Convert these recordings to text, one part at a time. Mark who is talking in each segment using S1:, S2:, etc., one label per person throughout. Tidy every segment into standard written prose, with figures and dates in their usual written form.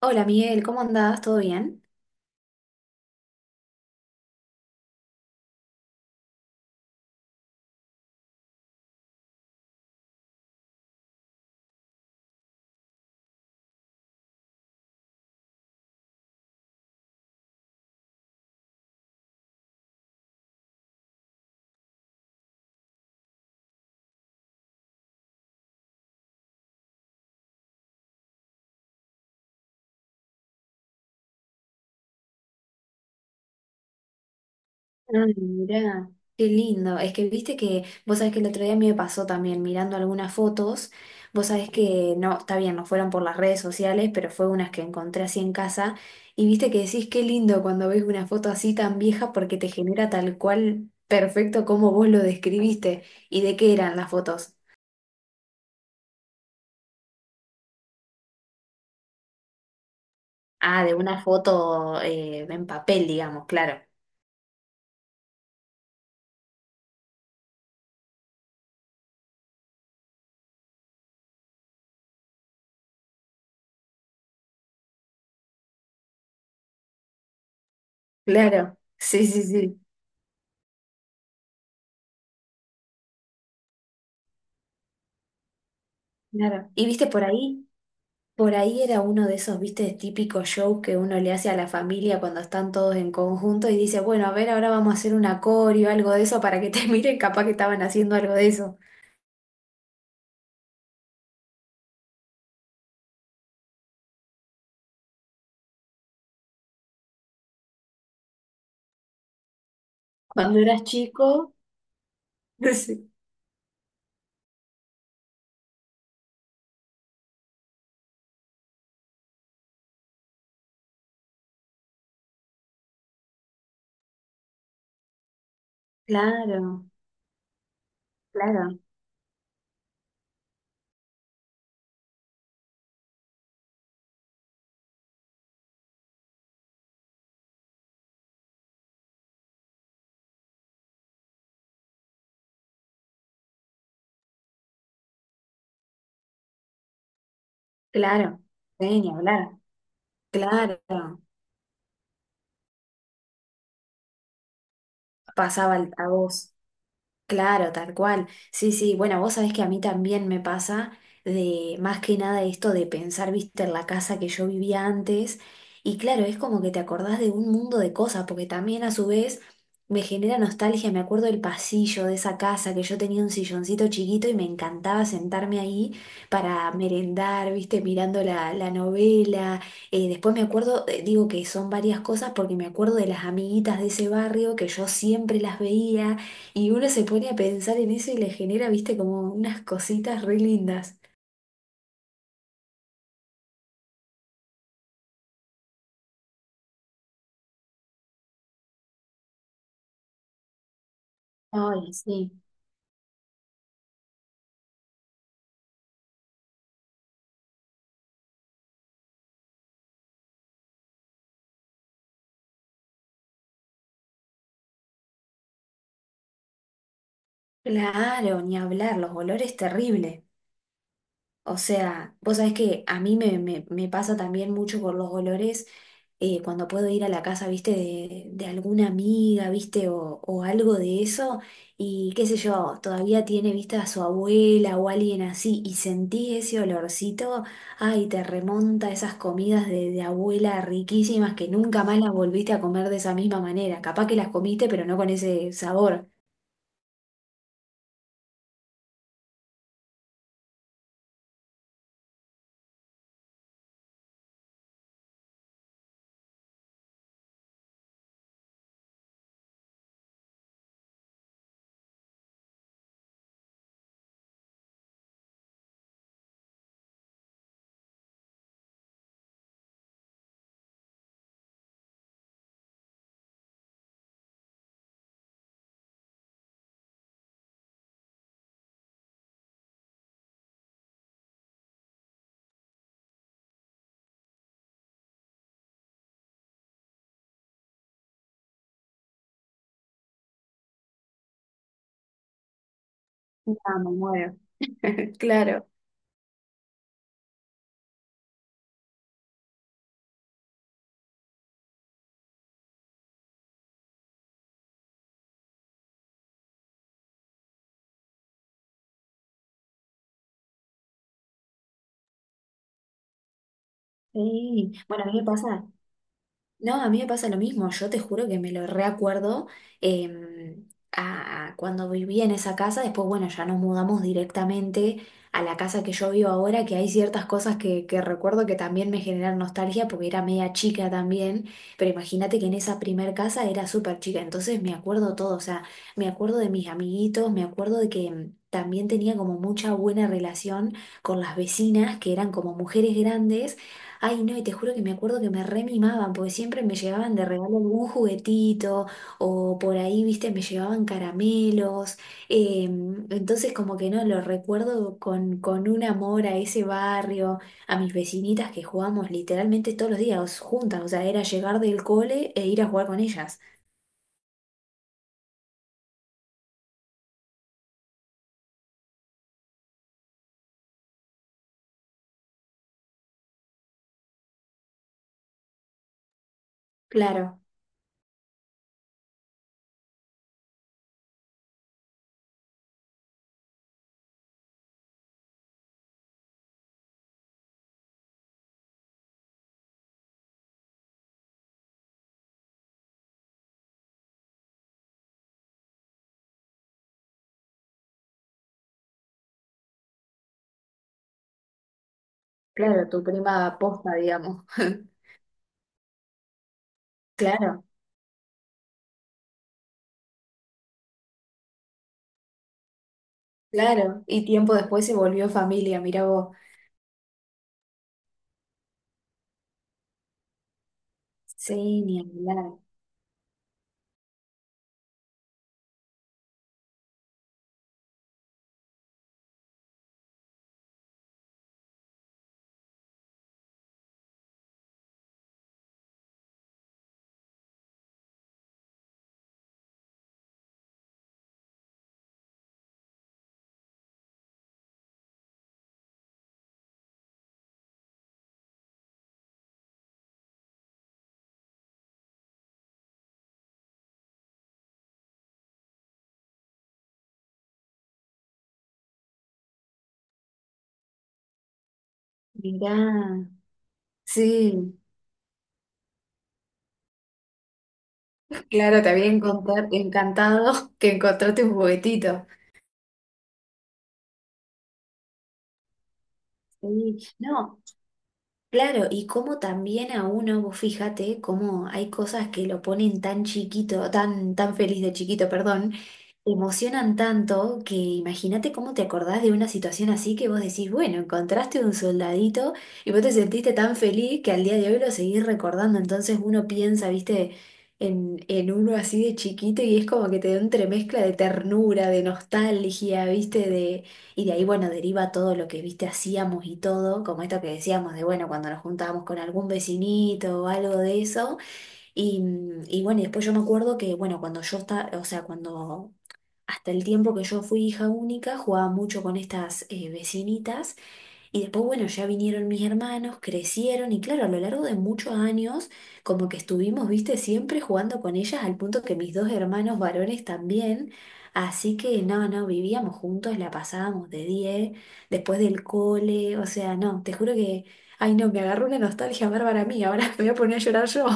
S1: Hola Miguel, ¿cómo andás? ¿Todo bien? Ay, mira. Qué lindo. Es que viste que, vos sabés que el otro día a mí me pasó también mirando algunas fotos. Vos sabés que, no, está bien, no fueron por las redes sociales, pero fue unas que encontré así en casa. Y viste que decís qué lindo cuando ves una foto así tan vieja porque te genera tal cual perfecto como vos lo describiste. ¿Y de qué eran las fotos? Ah, de una foto en papel, digamos, claro. Claro. Sí, sí, sí. Claro. ¿Y viste por ahí? Por ahí era uno de esos, viste, típicos show que uno le hace a la familia cuando están todos en conjunto y dice, bueno, a ver, ahora vamos a hacer un acorio, algo de eso, para que te miren, capaz que estaban haciendo algo de eso. Cuando eras chico, sí. Claro, claro, claro, sí, ni hablar, claro, pasaba a vos. Claro, tal cual. Sí, sí, bueno, vos sabés que a mí también me pasa de más que nada esto de pensar, viste, en la casa que yo vivía antes. Y claro, es como que te acordás de un mundo de cosas, porque también a su vez me genera nostalgia. Me acuerdo del pasillo de esa casa que yo tenía un silloncito chiquito y me encantaba sentarme ahí para merendar, viste, mirando la novela. Después me acuerdo, digo que son varias cosas porque me acuerdo de las amiguitas de ese barrio que yo siempre las veía y uno se pone a pensar en eso y le genera, viste, como unas cositas re lindas. Ay, sí. Claro, ni hablar, los olores terribles. O sea, vos sabés que a mí me pasa también mucho con los olores cuando puedo ir a la casa, viste, de alguna amiga, viste, o algo de eso, y qué sé yo, todavía tiene, viste, a su abuela o alguien así, y sentí ese olorcito, ay, te remonta a esas comidas de abuela riquísimas que nunca más las volviste a comer de esa misma manera. Capaz que las comiste, pero no con ese sabor. Ah, me muero. Claro. Sí. Bueno, a mí me pasa. No, a mí me pasa lo mismo, yo te juro que me lo reacuerdo a, cuando vivía en esa casa, después bueno, ya nos mudamos directamente a la casa que yo vivo ahora, que hay ciertas cosas que recuerdo que también me generan nostalgia porque era media chica también, pero imagínate que en esa primer casa era súper chica, entonces me acuerdo todo, o sea, me acuerdo de mis amiguitos, me acuerdo de que... También tenía como mucha buena relación con las vecinas, que eran como mujeres grandes. Ay, no, y te juro que me acuerdo que me re mimaban, porque siempre me llevaban de regalo algún juguetito, o por ahí, viste, me llevaban caramelos. eh, entonces, como que no, lo recuerdo con un amor a ese barrio, a mis vecinitas que jugábamos literalmente todos los días juntas, o sea, era llegar del cole e ir a jugar con ellas. Claro, claro, tu prima posta, digamos. Claro, claro. Y tiempo después se volvió familia, mirá vos. Sí, ni hablar. Mirá. Sí, claro, te había encontrar- encantado que encontraste un juguetito. Sí, no, claro, y como también a uno, vos fíjate, cómo hay cosas que lo ponen tan chiquito, tan, tan feliz de chiquito, perdón, emocionan tanto que imagínate cómo te acordás de una situación así que vos decís, bueno, encontraste un soldadito y vos te sentiste tan feliz que al día de hoy lo seguís recordando. Entonces uno piensa, viste, en uno así de chiquito y es como que te da un entremezcla de ternura, de nostalgia, viste, de y de ahí, bueno, deriva todo lo que, viste, hacíamos y todo, como esto que decíamos de, bueno, cuando nos juntábamos con algún vecinito o algo de eso. Y, mm, y bueno, y después yo me acuerdo que, bueno, cuando yo estaba, o sea, cuando hasta el tiempo que yo fui hija única, jugaba mucho con estas vecinitas. Y después, bueno, ya vinieron mis hermanos, crecieron y claro, a lo largo de muchos años, como que estuvimos, viste, siempre jugando con ellas al punto que mis dos hermanos varones también. Así que no, no, vivíamos juntos, la pasábamos de 10 después del cole, o sea, no, te juro que, ay no, me agarró una nostalgia bárbara a mí, ahora me voy a poner a llorar yo.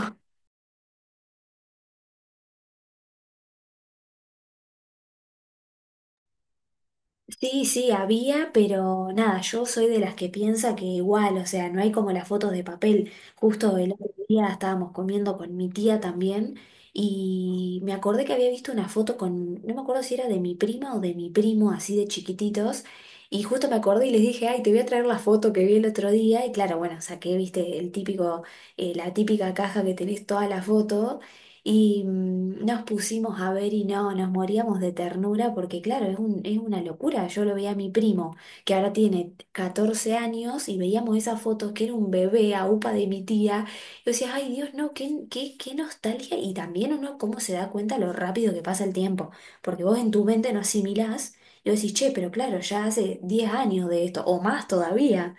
S1: Sí, sí, había, pero nada, yo soy de las que piensa que igual, o sea, no hay como las fotos de papel. Justo el otro día estábamos comiendo con mi tía también y me acordé que había visto una foto con, no me acuerdo si era de mi prima o de mi primo, así de chiquititos, y justo me acordé y les dije, ay, te voy a traer la foto que vi el otro día, y claro, bueno, saqué, viste, el típico, la típica caja que tenés toda la foto. Y mm, nos pusimos a ver y no, nos moríamos de ternura porque claro, es un, es una locura. Yo lo veía a mi primo, que ahora tiene 14 años, y veíamos esas fotos que era un bebé a upa de mi tía. Y yo decía, ay Dios, no, qué, qué, qué nostalgia. Y también uno cómo se da cuenta lo rápido que pasa el tiempo, porque vos en tu mente no asimilás y vos decís, che, pero claro, ya hace 10 años de esto, o más todavía.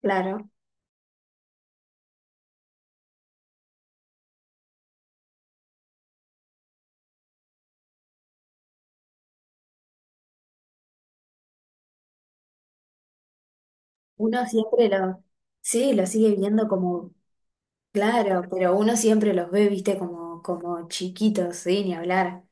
S1: Claro, uno siempre lo, sí, lo sigue viendo como claro, pero uno siempre los ve, viste, como, como chiquitos, sí, ni hablar.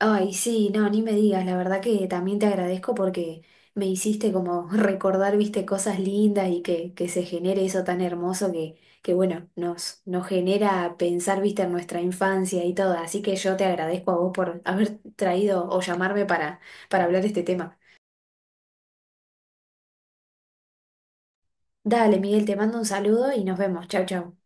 S1: Ay, sí, no, ni me digas, la verdad que también te agradezco porque me hiciste como recordar, viste, cosas lindas y que se genere eso tan hermoso que bueno, nos genera pensar, viste, en nuestra infancia y todo. Así que yo te agradezco a vos por haber traído o llamarme para hablar de este tema. Dale, Miguel, te mando un saludo y nos vemos. Chau, chau.